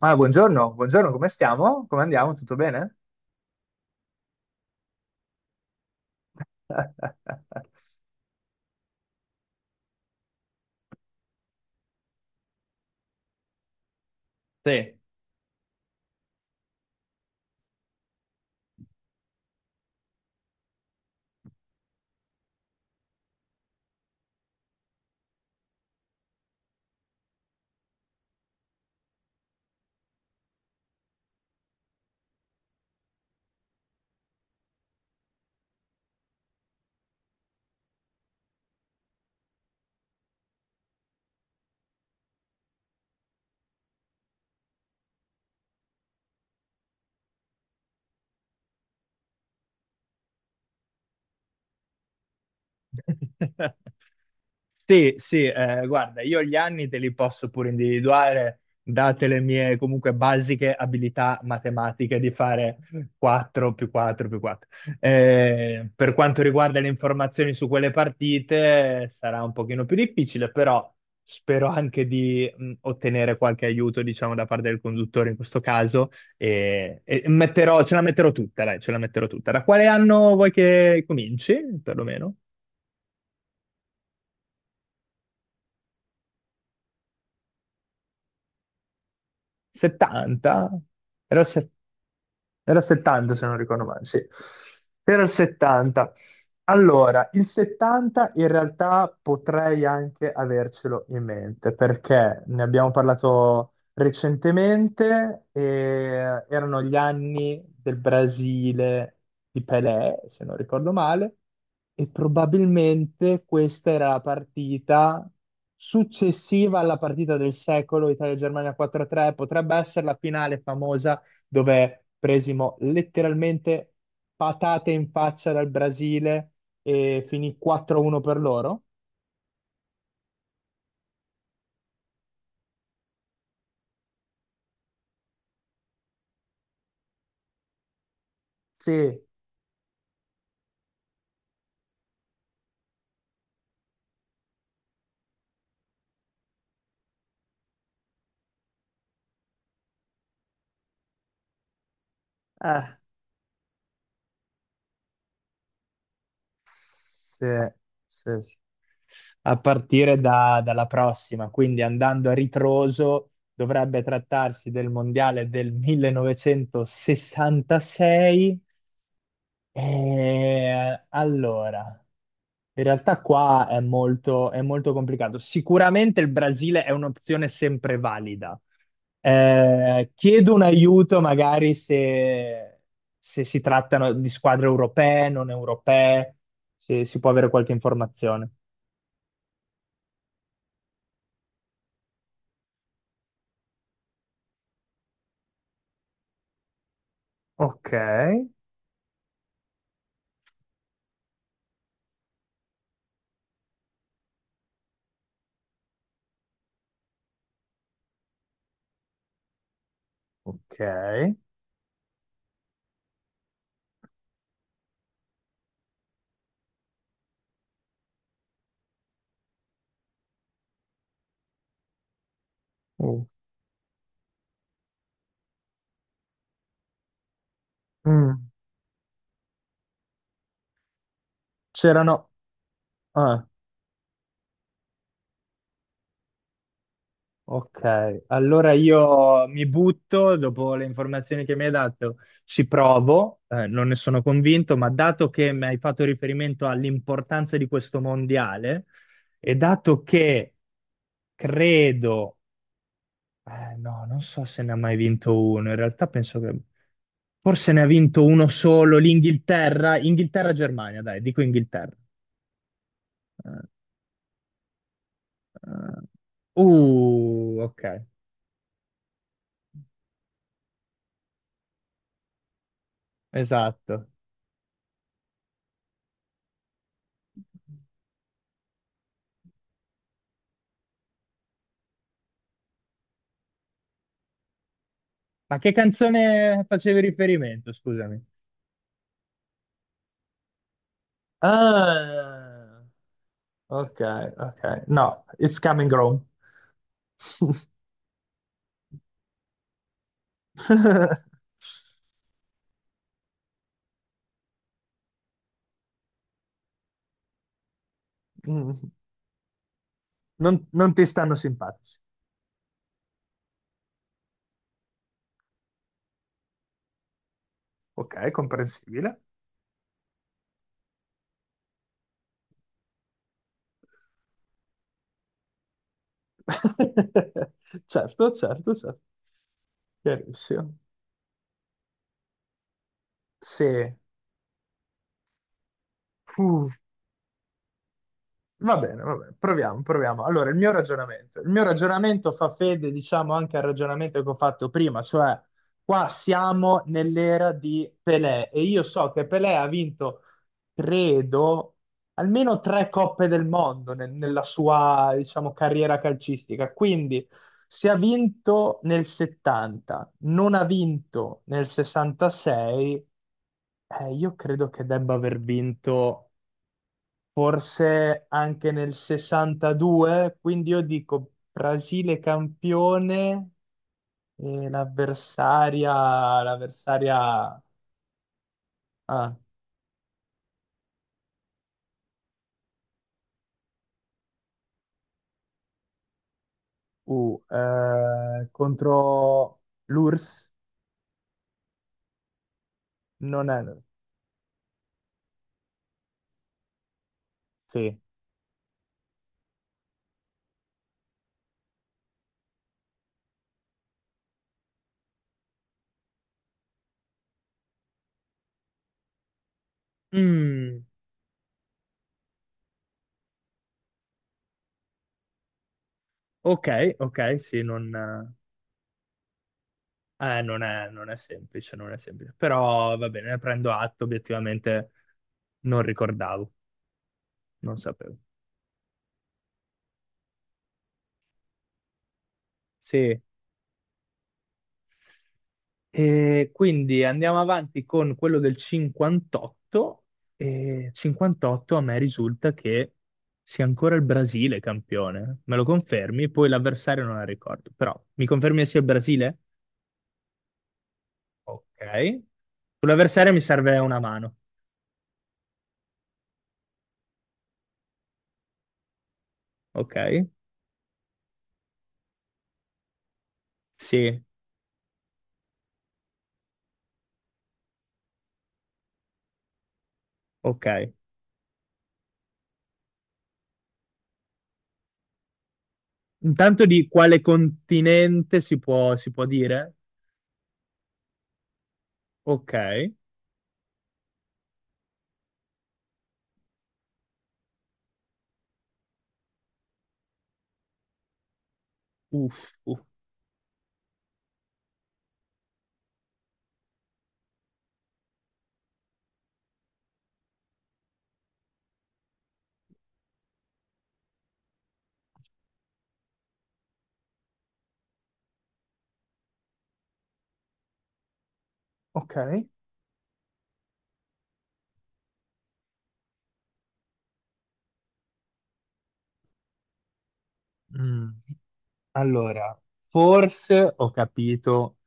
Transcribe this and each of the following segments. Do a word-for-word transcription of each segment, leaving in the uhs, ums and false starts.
Ah, buongiorno, buongiorno, come stiamo? Come andiamo? Tutto bene? Sì, sì, sì, eh, guarda, io gli anni te li posso pure individuare, date le mie comunque basiche abilità matematiche di fare quattro più quattro più quattro. Eh, per quanto riguarda le informazioni su quelle partite, sarà un pochino più difficile, però spero anche di mh, ottenere qualche aiuto, diciamo, da parte del conduttore in questo caso, e, e metterò- ce la metterò tutta, dai, ce la metterò tutta. Da quale anno vuoi che cominci, perlomeno? settanta? Ero a se- era il settanta se non ricordo male, sì. Era il settanta. Allora, il settanta in realtà potrei anche avercelo in mente perché ne abbiamo parlato recentemente e erano gli anni del Brasile di Pelé, se non ricordo male, e probabilmente questa era la partita successiva alla partita del secolo Italia-Germania quattro a tre Potrebbe essere la finale famosa dove presimo letteralmente patate in faccia dal Brasile e finì quattro a uno per loro. Sì, eh, sì, sì, sì. A partire da- dalla prossima, quindi andando a ritroso, dovrebbe trattarsi del mondiale del millenovecentosessantasei. Eh, allora, in realtà qua è molto, è molto complicato. Sicuramente il Brasile è un'opzione sempre valida. Eh, chiedo un aiuto magari se, se si trattano di squadre europee, non europee, se si può avere qualche informazione. Ok, ok. Uh, mm, C'erano. Ah. Ok, allora io mi butto dopo le informazioni che mi hai dato, ci provo, eh, non ne sono convinto, ma dato che mi hai fatto riferimento all'importanza di questo mondiale e dato che credo, eh, no, non so se ne ha mai vinto uno, in realtà penso che forse ne ha vinto uno solo, l'Inghilterra, Inghilterra-Germania, dai, dico Inghilterra. Eh, eh, Uh, ok, esatto. Ma che canzone facevi riferimento, scusami? Ah, ok, ok. No, it's coming home. Mm. Non, non ti stanno simpatici. Ok, comprensibile. Certo, certo, certo. Chiarissimo. Sì. Uff. Va bene, va bene, proviamo, proviamo. Allora, il mio ragionamento. Il mio ragionamento fa fede, diciamo, anche al ragionamento che ho fatto prima, cioè qua siamo nell'era di Pelé e io so che Pelé ha vinto, credo, almeno tre coppe del mondo nel- nella sua, diciamo, carriera calcistica. Quindi, se ha vinto nel settanta, non ha vinto nel sessantasei, eh, io credo che debba aver vinto forse anche nel sessantadue, quindi io dico Brasile campione e l'avversaria, l'avversaria ah, uh, eh, contro l'U R S S non è. Sì. Mm, ok, ok, sì, non, eh, non è, non è semplice, non è semplice, però va bene, ne prendo atto, obiettivamente non ricordavo, non sapevo. Sì. E quindi andiamo avanti con quello del cinquantotto, e cinquantotto a me risulta che sia ancora il Brasile campione. Me lo confermi? Poi l'avversario non la ricordo, però mi confermi che sia il Brasile? Ok. Sull'avversario mi serve una mano. Ok? Sì, ok. Intanto di quale continente si può, si può dire? Ok. Uff, uff. Ok. Mm. Allora, forse ho capito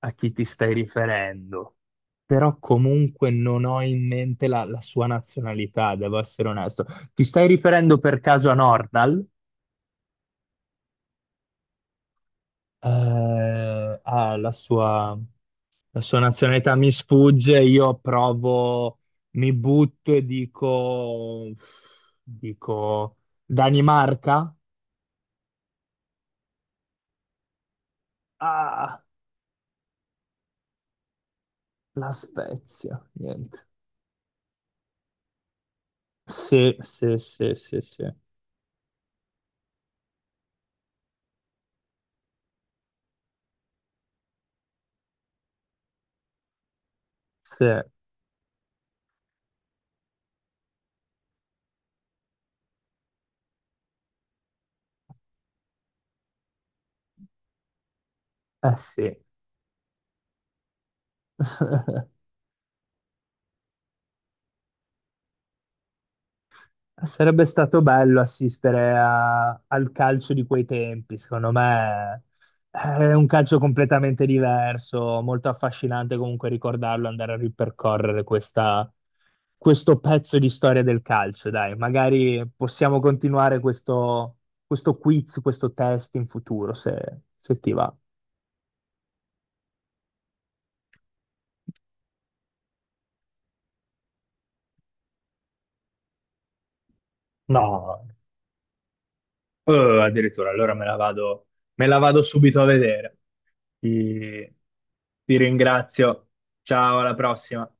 a chi ti stai riferendo, però comunque non ho in mente la, la sua nazionalità, devo essere onesto. Ti stai riferendo per caso a Nordal? Eh, ah, la sua, la sua nazionalità mi sfugge, io provo, mi butto e dico, dico Danimarca? Ah, la Spezia, niente. Sì, sì, sì, sì, sì. Sì, eh sì. Sarebbe stato bello assistere a- al calcio di quei tempi, secondo me è un calcio completamente diverso, molto affascinante comunque ricordarlo, andare a ripercorrere questa- questo pezzo di storia del calcio, dai, magari possiamo continuare questo, questo quiz, questo test in futuro, se se ti va. No. Eh, addirittura, allora me la vado, me la vado subito a vedere. Ti, ti ringrazio. Ciao, alla prossima.